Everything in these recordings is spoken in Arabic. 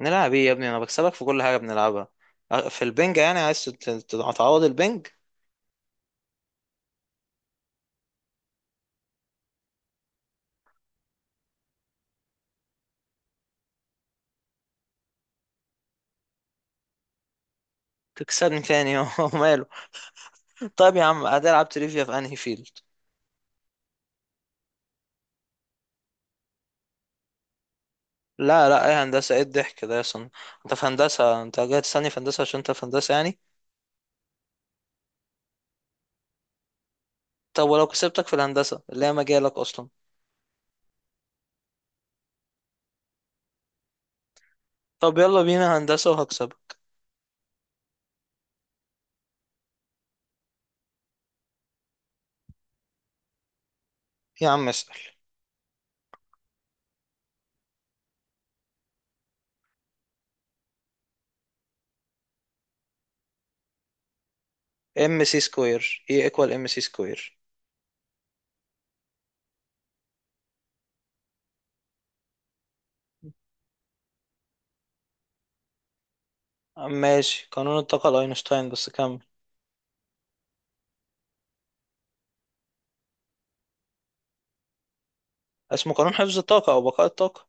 نلعب ايه يا ابني؟ انا بكسبك في كل حاجه بنلعبها. في البنج يعني عايز تعوض البنج. تكسبني تاني؟ هو ماله؟ طيب يا عم، هتلعب تريفيا في انهي فيلد؟ لا، لا، ايه هندسه؟ ايه الضحك ده يا صن؟ انت في هندسه، انت جاي تستني في هندسه عشان انت في هندسه يعني. طب ولو كسبتك في الهندسه اللي هي مجالك اصلا؟ طب يلا بينا هندسه وهكسبك. يا عم اسال. ام سي سكوير؟ ايه، ايكوال ام سي سكوير. ماشي، قانون الطاقه لاينشتاين، بس كمل. اسمه قانون حفظ الطاقه او بقاء الطاقه.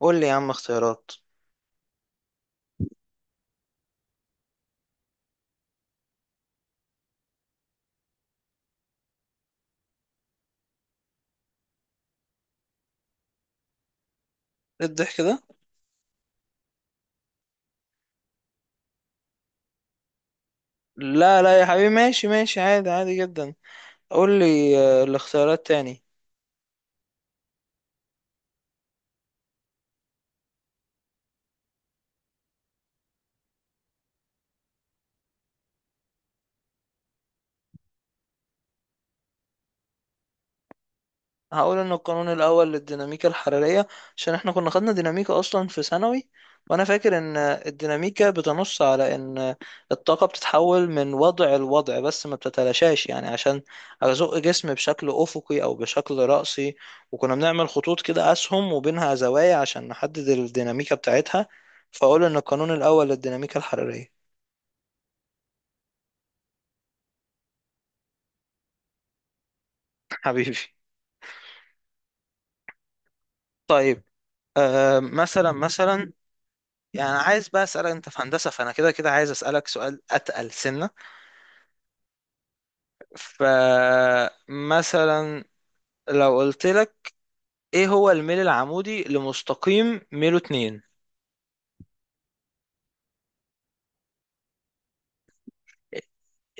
قول لي يا عم اختيارات. ايه الضحك ده؟ لا، لا يا حبيبي، ماشي ماشي، عادي عادي جدا. قول لي الاختيارات تاني. هقول ان القانون الاول للديناميكا الحرارية. عشان احنا كنا خدنا ديناميكا اصلا في ثانوي، وانا فاكر ان الديناميكا بتنص على ان الطاقة بتتحول من وضع لوضع، بس ما بتتلاشاش يعني، عشان ازق جسم بشكل افقي او بشكل رأسي. وكنا بنعمل خطوط كده، اسهم وبينها زوايا عشان نحدد الديناميكا بتاعتها. فاقول ان القانون الاول للديناميكا الحرارية. حبيبي. طيب، مثلا مثلا. يعني عايز بقى اسالك، انت في هندسه فانا كده كده عايز اسالك سؤال اتقل سنه. فمثلا، لو قلت لك، ايه هو الميل العمودي لمستقيم ميله 2؟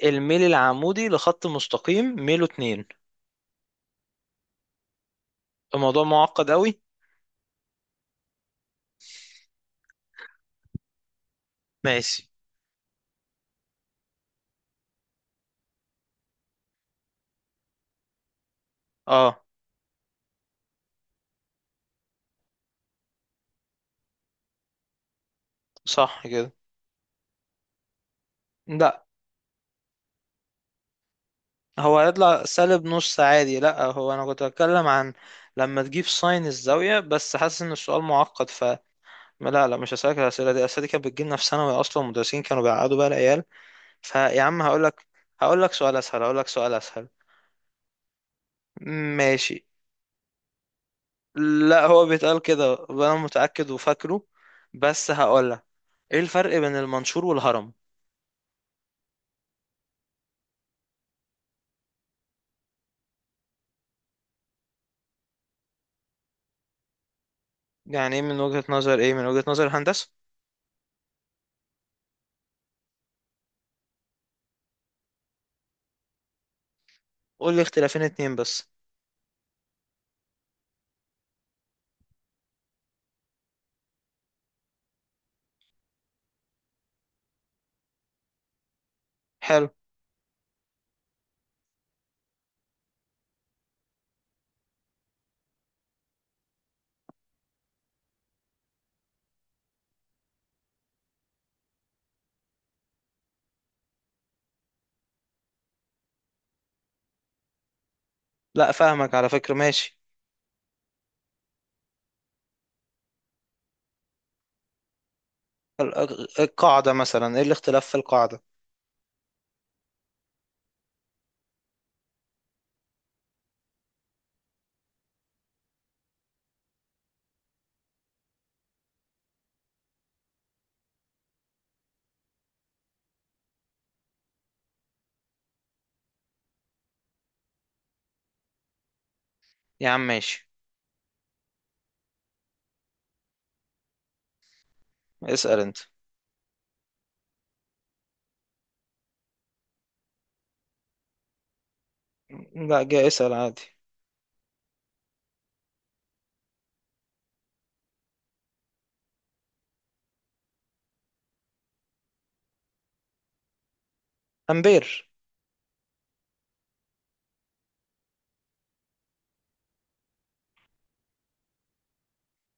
الميل العمودي لخط مستقيم ميله 2. الموضوع معقد قوي. ماشي، اه، صح كده. لا، هو هيطلع سالب نص عادي. لا، هو انا كنت بتكلم عن لما تجيب ساين الزاويه، بس حاسس ان السؤال معقد. ما لا لا، مش هسألك الأسئلة دي الأسئلة دي، كانت بتجيلنا في ثانوي أصلا، المدرسين كانوا بيقعدوا بقى العيال. فيا عم، هقول لك سؤال أسهل، هقول لك سؤال أسهل. ماشي. لا، هو بيتقال كده وأنا متأكد وفاكره. بس هقول لك، إيه الفرق بين المنشور والهرم؟ يعني إيه من وجهة نظر إيه؟ من وجهة نظر الهندسة. قول لي اختلافين اتنين بس. حلو. لا، فاهمك على فكرة، ماشي. القاعدة مثلا، إيه الاختلاف في القاعدة؟ يا عم ماشي. اسأل أنت. لا، جاي اسأل عادي. أمبير.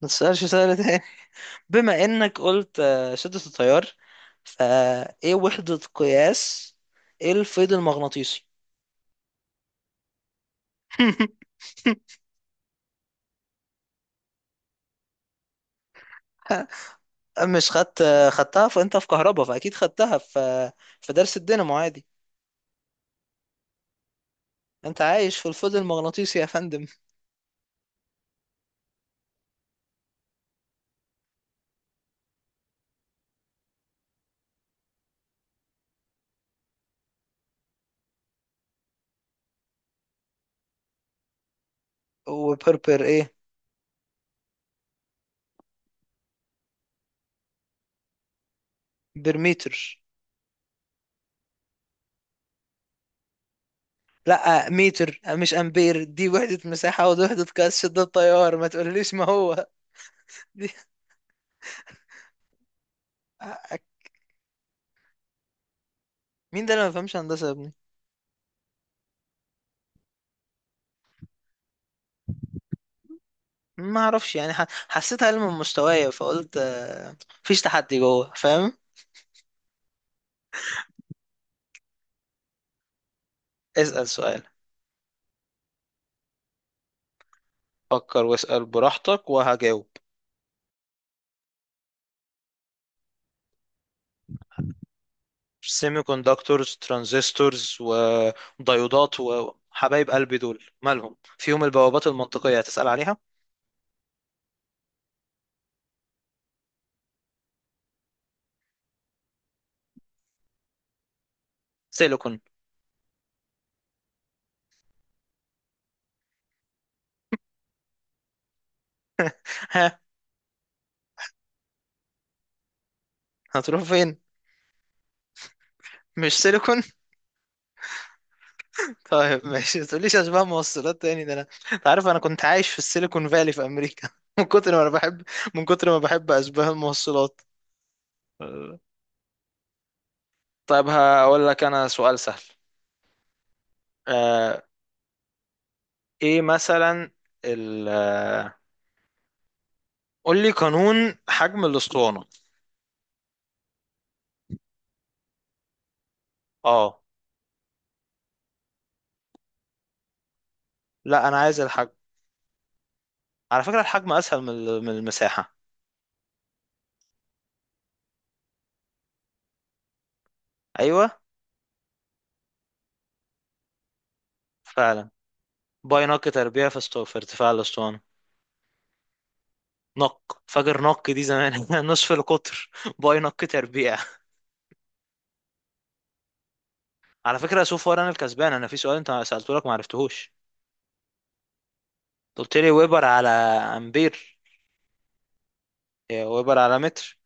ما تسألش سؤال. بما انك قلت شدة التيار، فايه وحدة قياس؟ ايه الفيض المغناطيسي؟ مش خدت. خدتها، فانت في كهرباء، فاكيد خدتها في درس الدينامو عادي. انت عايش في الفيض المغناطيسي يا فندم؟ وبربر ايه؟ برميتر. لا، متر مش امبير، دي وحدة مساحة ودي وحدة قياس شدة التيار، ما تقوليش ما هو. دي آه، مين ده اللي ما فهمش هندسة يا ابني؟ ما اعرفش يعني، حسيتها علم من مستوايا فقلت مفيش تحدي جوه، فاهم؟ اسأل سؤال. فكر واسأل براحتك وهجاوب. سيمي كوندكتورز، ترانزستورز، وديودات، وحبايب قلبي دول مالهم فيهم، البوابات المنطقية هتسأل عليها؟ سيليكون. ها؟ هتروح فين؟ مش سيليكون؟ طيب ماشي، ما تقوليش اشباه موصلات تاني، ده انا. أنت عارف انا كنت عايش في السيليكون فالي في امريكا، من كتر ما انا بحب، من كتر ما بحب اشباه الموصلات. طيب هقول لك انا سؤال سهل. آه، ايه مثلا ال قول لي قانون حجم الاسطوانه. اه، لا، انا عايز الحجم. على فكره، الحجم اسهل من من المساحه. ايوه. فعلا. باي نق تربيع في في ارتفاع الاسطوانه. نق، فاكر نق دي زمان نصف القطر. باي نق تربيع. على فكره، سوف انا الكسبان، انا في سؤال انت سالته لك ما عرفتهوش. قلت لي ويبر على امبير. إيه، ويبر على متر.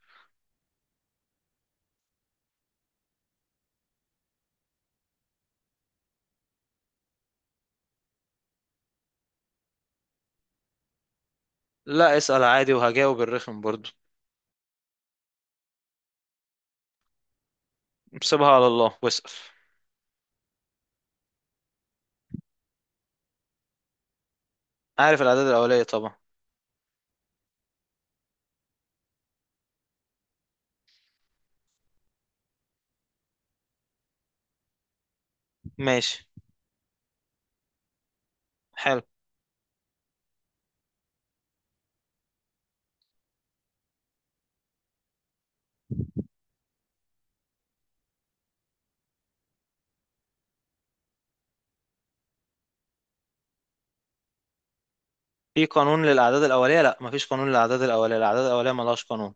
لا، اسال عادي وهجاوب الرخم برضو. سيبها على الله واسال. عارف الاعداد الاوليه طبعا. ماشي، حلو. في قانون للأعداد الأولية؟ لا، مفيش قانون للأعداد الأولية، الأعداد الأولية ملهاش قانون.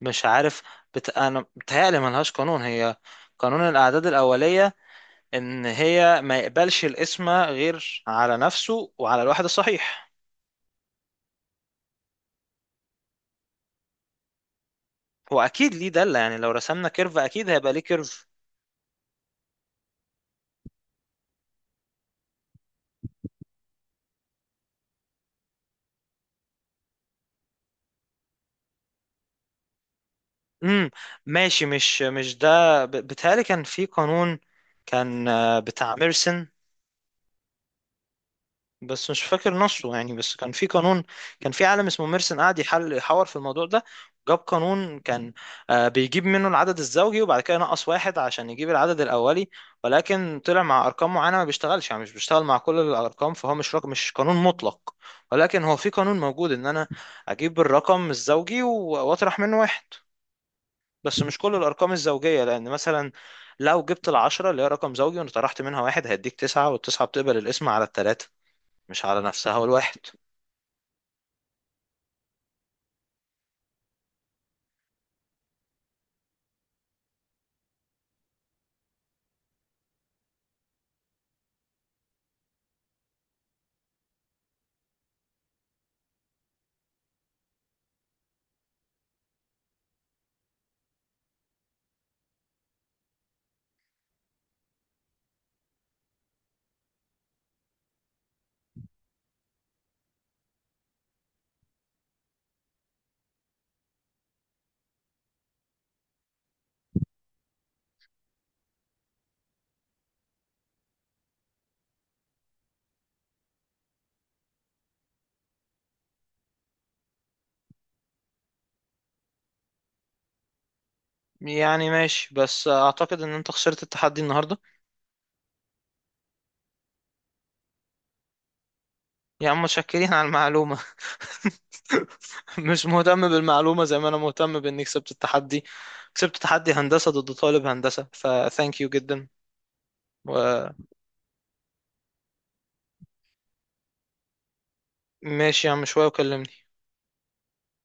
مش عارف. أنا بتهيألي ملهاش قانون هي. قانون الأعداد الأولية، إن هي ما يقبلش الاسم غير على نفسه وعلى الواحد الصحيح. هو أكيد ليه دالة، يعني لو رسمنا كيرف أكيد هيبقى ليه كيرف. امم ماشي، مش ده، بتهيألي كان في قانون. كان بتاع ميرسن، بس مش فاكر نصه يعني، بس كان في قانون. كان في عالم اسمه ميرسن قاعد يحل يحاور في الموضوع ده، جاب قانون كان بيجيب منه العدد الزوجي وبعد كده ينقص واحد عشان يجيب العدد الأولي. ولكن طلع مع أرقام معينة ما بيشتغلش يعني، مش بيشتغل مع كل الأرقام، فهو مش رقم، مش قانون مطلق. ولكن هو في قانون موجود، إن أنا أجيب الرقم الزوجي و- وأطرح منه واحد. بس مش كل الأرقام الزوجية، لأن مثلا، لو جبت العشرة اللي هي رقم زوجي وأنا طرحت منها واحد، هيديك تسعة، والتسعة بتقبل القسمة على التلاتة، مش على نفسها والواحد. يعني ماشي، بس اعتقد ان انت خسرت التحدي النهارده. يا عم، متشكرين على المعلومه. مش مهتم بالمعلومه زي ما انا مهتم باني كسبت التحدي. كسبت تحدي هندسه ضد طالب هندسه، فثانك يو جدا. وماشي يا عم، شويه وكلمني.